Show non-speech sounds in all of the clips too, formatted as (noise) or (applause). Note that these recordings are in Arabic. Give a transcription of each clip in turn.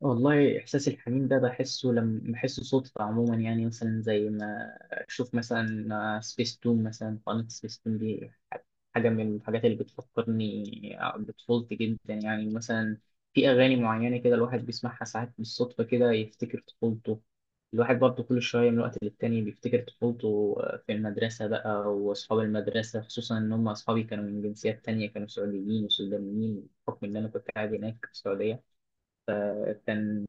والله إحساس الحنين ده بحسه لما بحسه صدفة عموما يعني مثلا زي ما أشوف مثلا سبيس تون مثلا. قناة سبيس تون دي حاجة من الحاجات اللي بتفكرني بطفولتي جدا. يعني مثلا في أغاني معينة كده الواحد بيسمعها ساعات بالصدفة كده يفتكر طفولته. الواحد برضه كل شوية من وقت للتاني بيفتكر طفولته في المدرسة بقى، وأصحاب المدرسة خصوصا إن هم أصحابي كانوا من جنسيات تانية، كانوا سعوديين وسودانيين بحكم إن أنا كنت قاعد هناك في السعودية. كان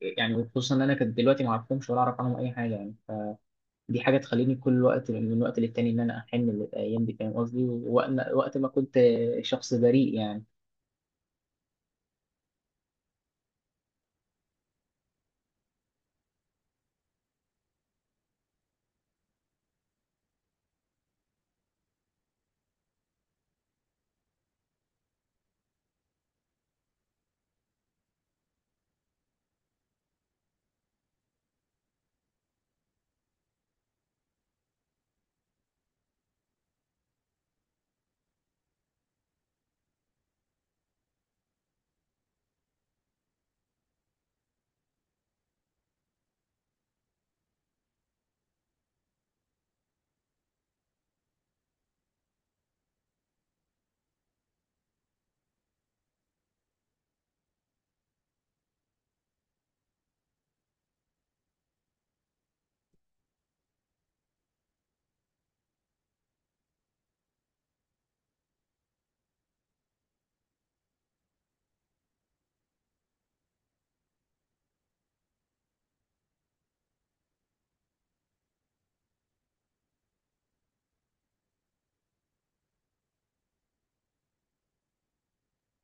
يعني خصوصا ان انا كنت دلوقتي ما اعرفهمش ولا اعرف عنهم اي حاجه. يعني دي حاجه تخليني كل وقت من وقت للتاني ان انا احن للايام دي، فاهم قصدي، وقت ما كنت شخص بريء يعني.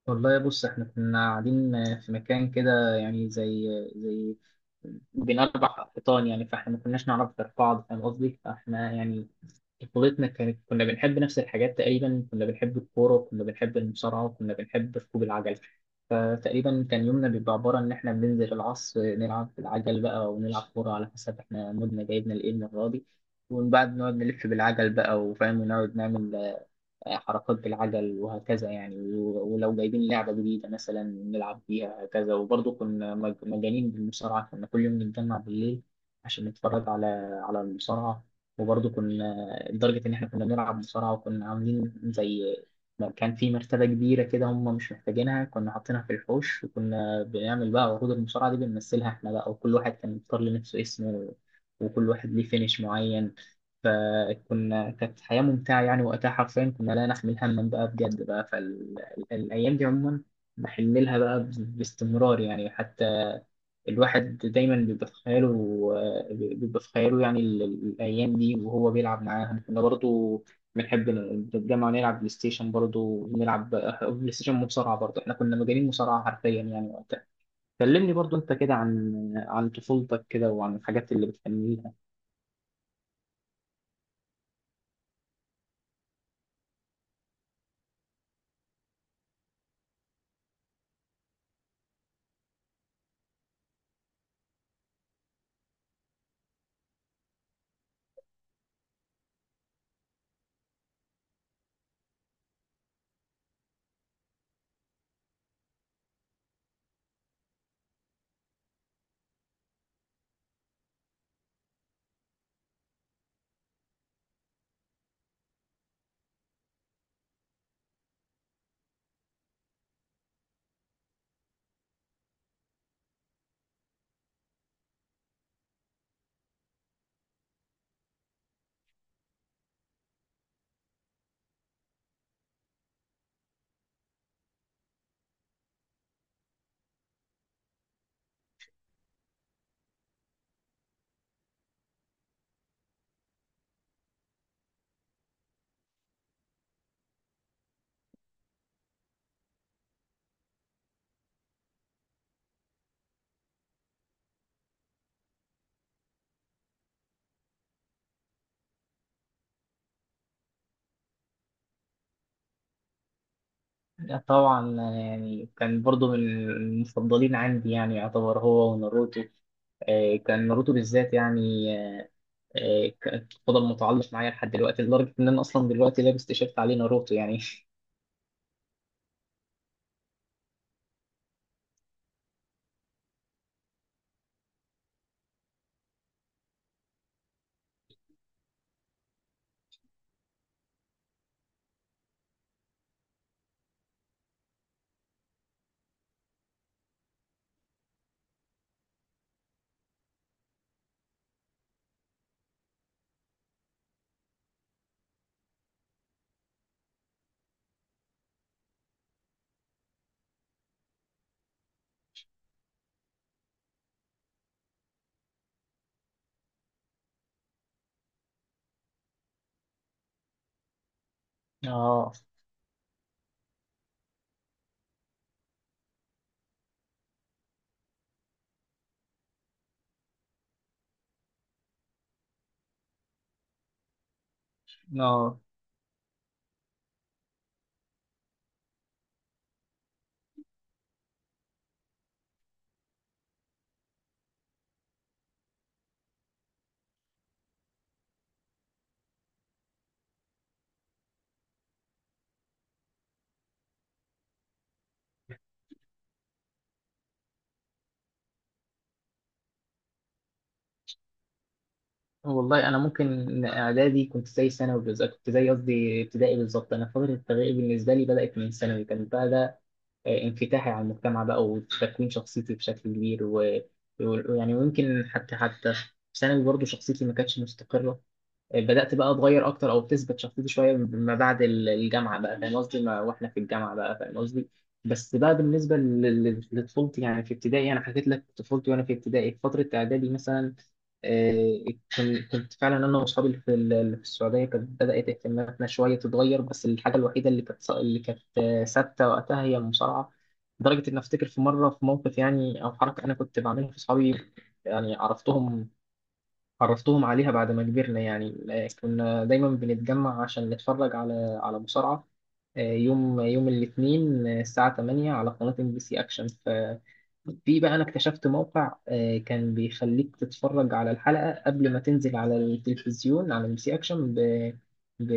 والله بص احنا كنا قاعدين في مكان كده، يعني زي بين اربع حيطان، يعني فاحنا ما كناش نعرف غير بعض، فاهم قصدي. فاحنا يعني طفولتنا كانت، كنا بنحب نفس الحاجات تقريبا، كنا بنحب الكوره وكنا بنحب المصارعه وكنا بنحب ركوب العجل. فتقريبا كان يومنا بيبقى عباره ان احنا بننزل العصر نلعب العجل بقى، ونلعب كوره على حسب احنا مودنا جايبنا لايه المره دي، ومن بعد نقعد نلف بالعجل بقى وفاهم، ونقعد نعمل حركات بالعجل وهكذا يعني. ولو جايبين لعبة جديدة مثلا نلعب بيها هكذا. وبرضه كنا مجانين بالمصارعة، كنا كل يوم نتجمع بالليل عشان نتفرج على على المصارعة. وبرضه كنا لدرجة إن إحنا كنا بنلعب مصارعة، وكنا عاملين زي ما كان في مرتبة كبيرة كده هم مش محتاجينها، كنا حاطينها في الحوش، وكنا بنعمل بقى عروض المصارعة دي بنمثلها إحنا بقى، وكل واحد كان بيختار لنفسه اسمه، وكل واحد ليه فينش معين. فكنا كانت حياة ممتعة يعني وقتها، حرفيا كنا لا نحمل هما بقى بجد بقى. فالأيام دي عموما بحن لها بقى باستمرار يعني. حتى الواحد دايما بيبقى في خياله، بيبقى في خياله يعني الأيام دي وهو بيلعب معاهم. كنا برضو بنحب نتجمع نلعب بلاي ستيشن، برضو نلعب بلاي ستيشن مصارعة. برضو احنا كنا مجانين مصارعة حرفيا يعني وقتها. كلمني برضو انت كده عن عن طفولتك كده، وعن الحاجات اللي بتحن لها. طبعا، يعني كان برضو من المفضلين عندي، يعني يعتبر هو وناروتو. كان ناروتو بالذات يعني فضل متعلق معايا لحد دلوقتي، لدرجة إن أنا أصلا دلوقتي لابس تيشيرت عليه ناروتو يعني. (laughs) آه. آه والله أنا ممكن إن إعدادي كنت زي ثانوي بالظبط، كنت زي قصدي ابتدائي بالظبط. أنا فترة التربية بالنسبة لي بدأت من ثانوي، كان بقى ده انفتاحي على المجتمع بقى وتكوين شخصيتي بشكل كبير. ويعني ويمكن حتى في ثانوي برضه شخصيتي ما كانتش مستقرة، بدأت بقى اتغير اكتر او بتثبت شخصيتي شويه ما بعد الجامعه بقى، فاهم قصدي واحنا في الجامعه بقى، فاهم قصدي. بس بقى بالنسبه لطفولتي يعني في ابتدائي انا حكيت لك طفولتي وانا في ابتدائي. في فتره اعدادي مثلا آه، كنت فعلا انا واصحابي اللي في اللي في السعوديه كانت بدات اهتماماتنا شويه تتغير. بس الحاجه الوحيده اللي كانت اللي كانت ثابته وقتها هي المصارعه، لدرجه ان افتكر في مره في موقف يعني او حركه انا كنت بعملها في اصحابي. يعني عرفتهم عليها بعد ما كبرنا يعني. كنا دايما بنتجمع عشان نتفرج على على مصارعة يوم الاثنين، الساعة 8 على قناة ام بي سي اكشن. في بقى انا اكتشفت موقع كان بيخليك تتفرج على الحلقة قبل ما تنزل على التلفزيون على ام سي اكشن ب...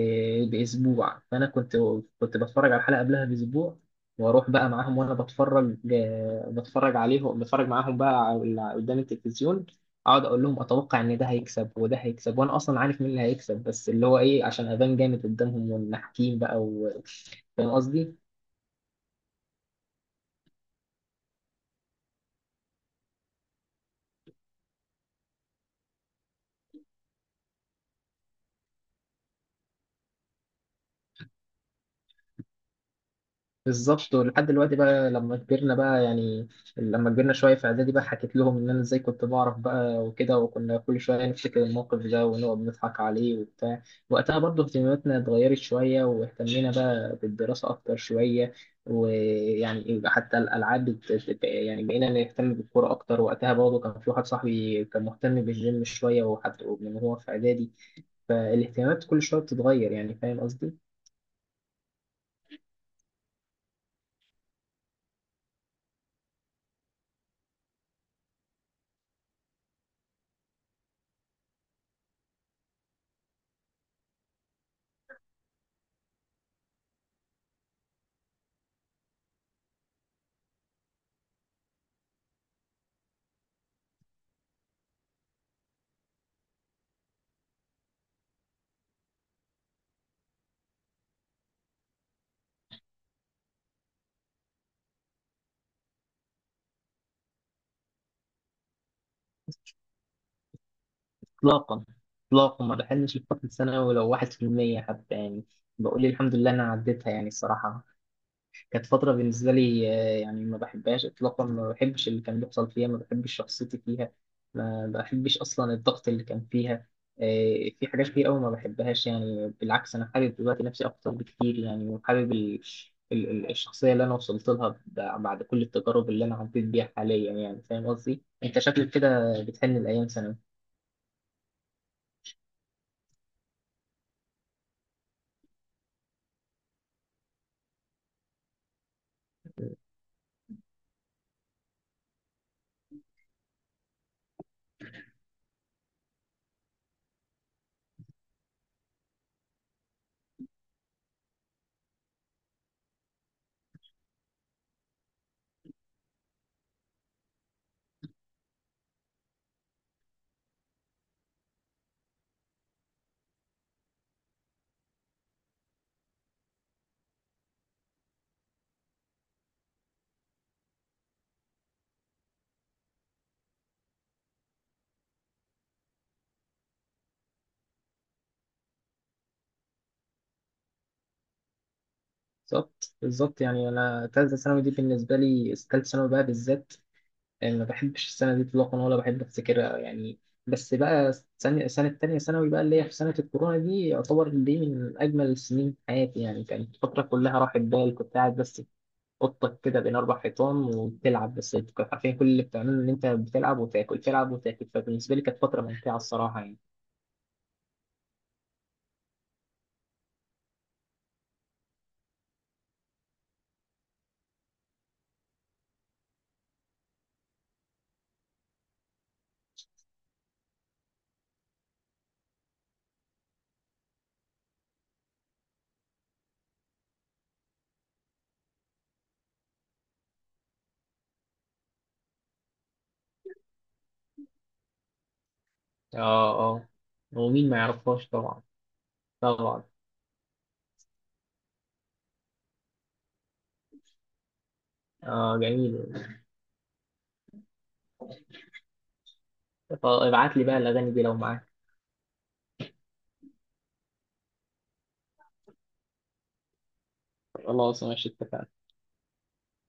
باسبوع، فانا كنت كنت بتفرج على الحلقة قبلها باسبوع. واروح بقى معاهم وانا بتفرج بتفرج عليهم، بتفرج معاهم بقى على اللي قدام التلفزيون، اقعد اقول لهم اتوقع ان ده هيكسب وده هيكسب وانا اصلا عارف مين اللي هيكسب، بس اللي هو ايه عشان ابان جامد قدامهم ونحكيم بقى و... فاهم قصدي. بالظبط، ولحد دلوقتي بقى لما كبرنا بقى يعني، لما كبرنا شويه في اعدادي بقى حكيت لهم ان انا ازاي كنت بعرف بقى وكده، وكنا كل شويه نفتكر الموقف ده ونقعد نضحك عليه وبتاع. وقتها برضه اهتماماتنا اتغيرت شويه، واهتمينا بقى بالدراسه اكتر شويه، ويعني حتى الالعاب يعني بقينا نهتم بالكوره اكتر. وقتها برضه كان في واحد صاحبي كان مهتم بالجيم شويه، وحتى من هو في اعدادي الاهتمامات كل شويه بتتغير، يعني فاهم قصدي. اطلاقا، اطلاقا ما بحلمش بفتره الثانوي لو 1%. حتى يعني بقول الحمد لله انا عديتها يعني الصراحه. كانت فتره بالنسبه لي يعني ما بحبهاش اطلاقا، ما بحبش اللي كان بيحصل فيها، ما بحبش شخصيتي فيها، ما بحبش اصلا الضغط اللي كان فيها. في حاجات كتير قوي ما بحبهاش. يعني بالعكس انا حابب دلوقتي نفسي اكتر بكتير يعني، وحابب الشخصيه اللي انا وصلت لها بعد كل التجارب اللي انا عديت بيها حاليا، يعني فاهم قصدي. انت شكلك كده بتحن الايام. بالظبط. يعني انا تالتة ثانوي دي بالنسبة لي، تالتة ثانوي بقى بالذات يعني ما بحبش السنة دي اطلاقا، ولا بحب افتكرها يعني. بس بقى سنة تانية ثانوي بقى اللي هي في سنة الكورونا دي، يعتبر دي من أجمل السنين في حياتي. يعني كانت الفترة كلها راحت بال، كنت قاعد بس في أوضتك كده بين أربع حيطان وبتلعب بس، كنت عارفين كل اللي بتعمله إن أنت بتلعب وتاكل، تلعب وتاكل. فبالنسبة لي كانت فترة ممتعة الصراحة يعني. آه. آه ومين ما يعرفهاش طبعا. طبعا. آه جميل، ابعت لي بقى الاغاني دي لو معاك. خلاص ماشي، اتفقنا.